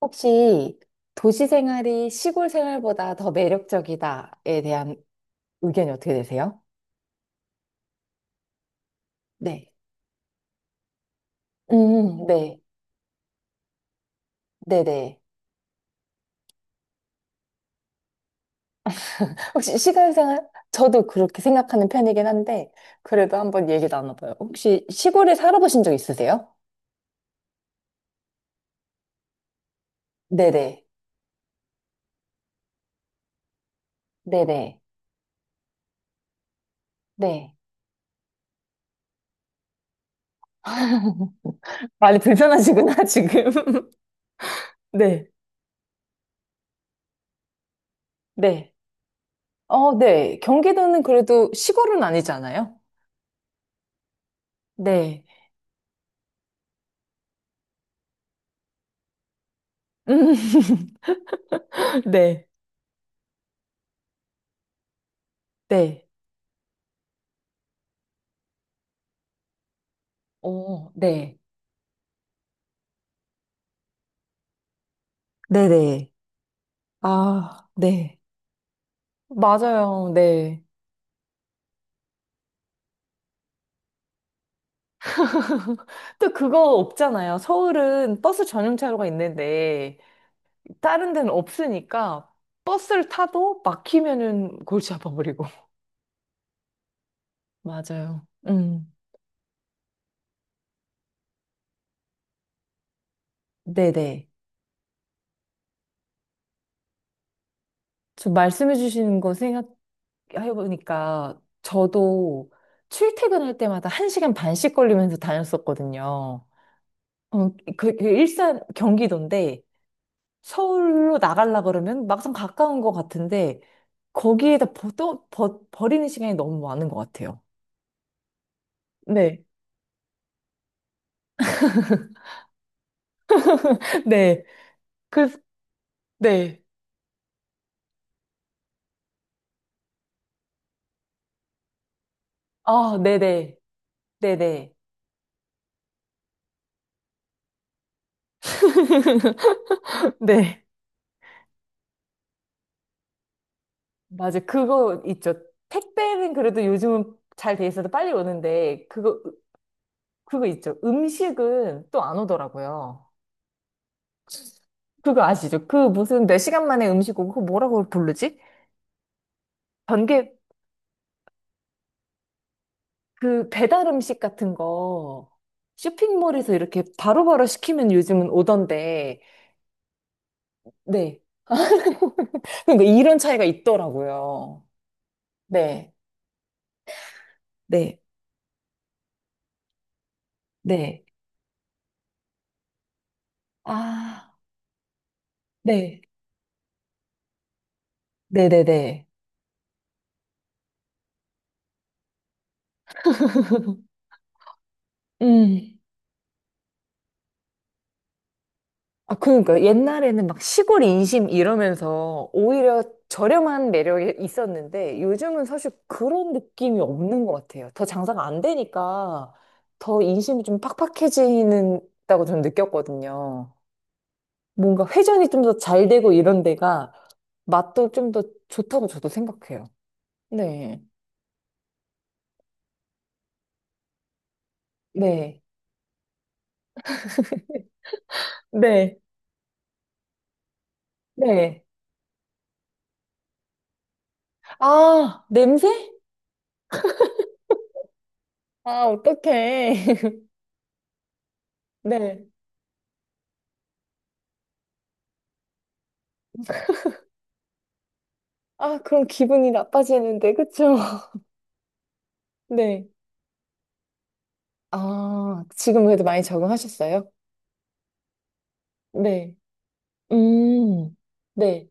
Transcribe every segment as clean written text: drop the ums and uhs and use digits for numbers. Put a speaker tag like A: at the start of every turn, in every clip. A: 혹시 도시 생활이 시골 생활보다 더 매력적이다에 대한 의견이 어떻게 되세요? 네. 네. 네네. 혹시 시골 생활? 저도 그렇게 생각하는 편이긴 한데, 그래도 한번 얘기 나눠봐요. 혹시 시골에 살아보신 적 있으세요? 네네. 네네. 네. 많이 불편하시구나, 지금. 네. 네. 어, 네. 경기도는 그래도 시골은 아니잖아요? 네. 음, 네. 네. 어, 네. 네네. 아, 네. 맞아요. 네. 또 그거 없잖아요. 서울은 버스 전용차로가 있는데 다른 데는 없으니까 버스를 타도 막히면은 골치 아파 버리고. 맞아요. 음. 네네. 저 말씀해 주시는 거 생각해 보니까 저도 출퇴근할 때마다 1시간 반씩 걸리면서 다녔었거든요. 그, 그 일산 경기도인데 서울로 나가려 그러면 막상 가까운 것 같은데 거기에다 버, 또 버, 버리는 시간이 너무 많은 것 같아요. 네. 네. 그, 네. 아, 네네. 네네. 네. 맞아. 그거 있죠. 택배는 그래도 요즘은 잘 돼 있어서 빨리 오는데 그거, 그거 있죠. 음식은 또 안 오더라고요. 그거 아시죠? 그 무슨 몇 시간 만에 음식 오고 그거 뭐라고 부르지? 번개, 그 배달 음식 같은 거 쇼핑몰에서 이렇게 바로바로 시키면 요즘은 오던데, 네. 그러니까 이런 차이가 있더라고요. 네, 네, 네. 아, 네, 네네네. 음. 아, 그러니까 옛날에는 막 시골 인심 이러면서 오히려 저렴한 매력이 있었는데 요즘은 사실 그런 느낌이 없는 것 같아요. 더 장사가 안 되니까 더 인심이 좀 팍팍해지는다고 저는 느꼈거든요. 뭔가 회전이 좀 더 잘 되고 이런 데가 맛도 좀 더 좋다고 저도 생각해요. 네. 네. 네. 네. 아, 냄새? 아, 어떡해. 네. 아, 그럼 기분이 나빠지는데, 그쵸? 네. 아, 지금 그래도 많이 적응하셨어요? 네. 음, 네.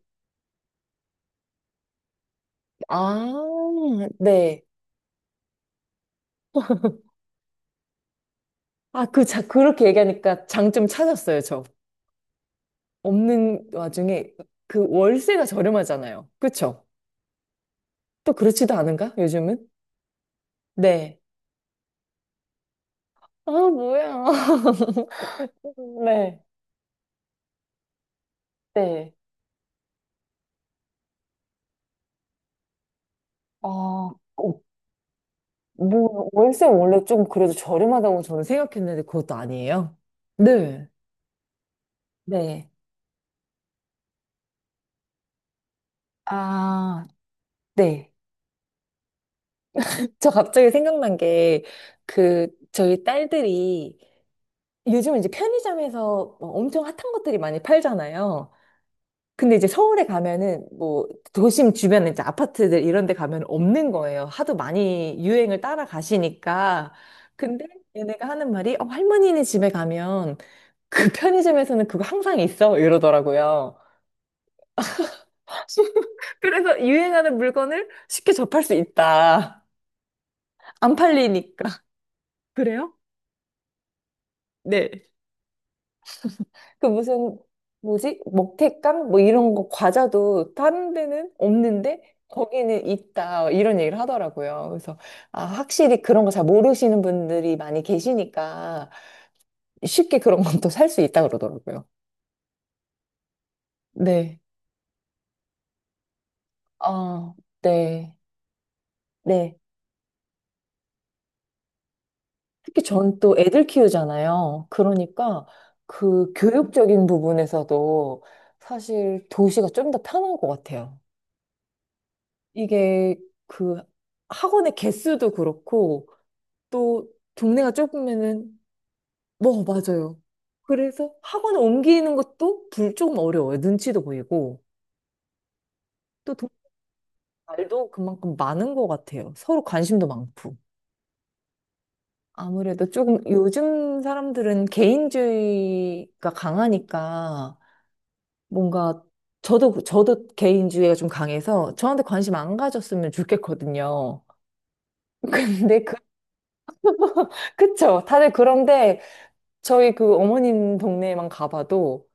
A: 아, 네. 아, 그, 자, 그렇게 얘기하니까 장점 찾았어요, 저. 없는 와중에 그 월세가 저렴하잖아요. 그쵸? 또 그렇지도 않은가? 요즘은? 네. 아, 뭐야. 네. 네. 아, 어, 뭐, 월세 원래 좀 그래도 저렴하다고 저는 생각했는데 그것도 아니에요? 네. 네. 아, 네. 저 갑자기 생각난 게, 그, 저희 딸들이 요즘은 이제 편의점에서 뭐 엄청 핫한 것들이 많이 팔잖아요. 근데 이제 서울에 가면은 뭐 도심 주변에 이제 아파트들 이런 데 가면 없는 거예요. 하도 많이 유행을 따라가시니까. 근데 얘네가 하는 말이 어, 할머니네 집에 가면 그 편의점에서는 그거 항상 있어 이러더라고요. 그래서 유행하는 물건을 쉽게 접할 수 있다. 안 팔리니까. 그래요? 네. 그 무슨 뭐지? 먹태깡 뭐 이런 거 과자도 다른 데는 없는데 거기는 있다 이런 얘기를 하더라고요. 그래서 아 확실히 그런 거 잘 모르시는 분들이 많이 계시니까 쉽게 그런 건 또 살 수 있다 그러더라고요. 네. 아, 네. 네. 특히 전 또 애들 키우잖아요. 그러니까 그 교육적인 부분에서도 사실 도시가 좀 더 편한 것 같아요. 이게 그 학원의 개수도 그렇고 또 동네가 좁으면은 뭐 맞아요. 그래서 학원을 옮기는 것도 불 조금 어려워요. 눈치도 보이고 또 동- 말도 그만큼 많은 것 같아요. 서로 관심도 많고. 아무래도 조금 요즘 사람들은 개인주의가 강하니까 뭔가 저도 개인주의가 좀 강해서 저한테 관심 안 가졌으면 좋겠거든요. 근데 그 그쵸. 다들 그런데 저희 그 어머님 동네에만 가봐도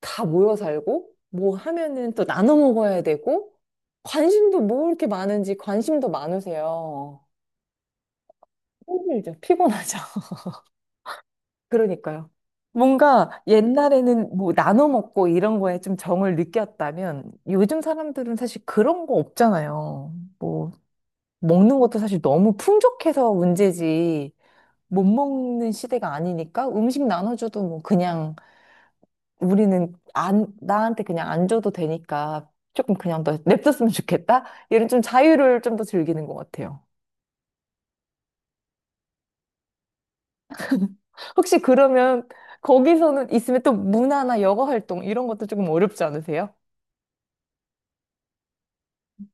A: 다 모여 살고, 뭐 하면은 또 나눠 먹어야 되고, 관심도 뭐 이렇게 많은지 관심도 많으세요. 힘들죠. 피곤하죠. 그러니까요. 뭔가 옛날에는 뭐 나눠 먹고 이런 거에 좀 정을 느꼈다면 요즘 사람들은 사실 그런 거 없잖아요. 뭐 먹는 것도 사실 너무 풍족해서 문제지 못 먹는 시대가 아니니까 음식 나눠줘도 뭐 그냥 우리는 안, 나한테 그냥 안 줘도 되니까 조금 그냥 더 냅뒀으면 좋겠다? 이런 좀 자유를 좀 더 즐기는 것 같아요. 혹시 그러면 거기서는 있으면 또 문화나 여가 활동 이런 것도 조금 어렵지 않으세요?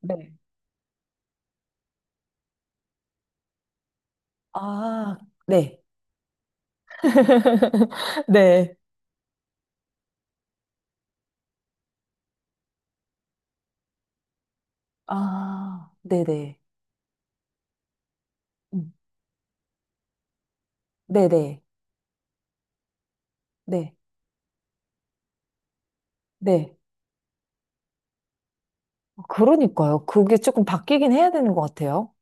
A: 네. 아, 네. 네. 아, 네네. 음, 네네. 네. 네. 어, 그러니까요. 그게 조금 바뀌긴 해야 되는 것 같아요.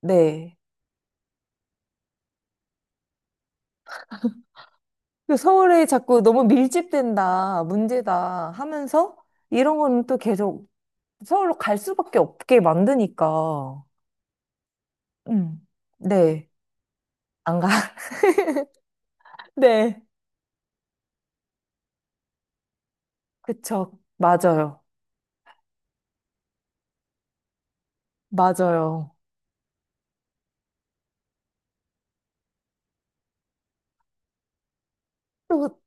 A: 네. 그 서울에 자꾸 너무 밀집된다, 문제다 하면서 이런 거는 또 계속 서울로 갈 수밖에 없게 만드니까. 음. 네. 안 가. 네. 그쵸. 맞아요. 맞아요. 그리고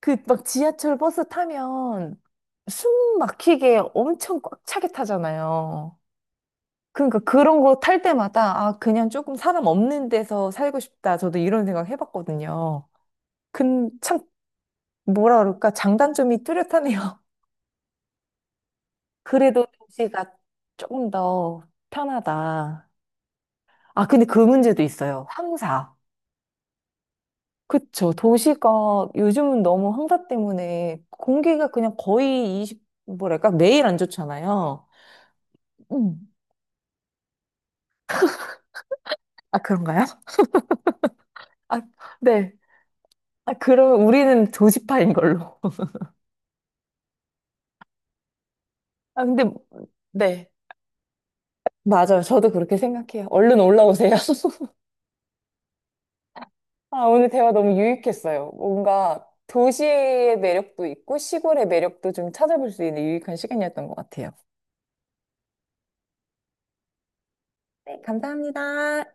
A: 그 막 지하철 버스 타면 숨 막히게 엄청 꽉 차게 타잖아요. 그러니까 그런 거 탈 때마다 아, 그냥 조금 사람 없는 데서 살고 싶다. 저도 이런 생각 해봤거든요. 근참 뭐라 그럴까? 장단점이 뚜렷하네요. 그래도 도시가 조금 더 편하다. 아, 근데 그 문제도 있어요. 황사. 그쵸. 도시가 요즘은 너무 황사 때문에 공기가 그냥 거의 20, 뭐랄까? 매일 안 좋잖아요. 음. 아, 그런가요? 아, 네. 아, 그럼 우리는 도시파인 걸로. 아, 근데, 네. 맞아요. 저도 그렇게 생각해요. 얼른 올라오세요. 아, 오늘 대화 너무 유익했어요. 뭔가 도시의 매력도 있고 시골의 매력도 좀 찾아볼 수 있는 유익한 시간이었던 것 같아요. 네, 감사합니다.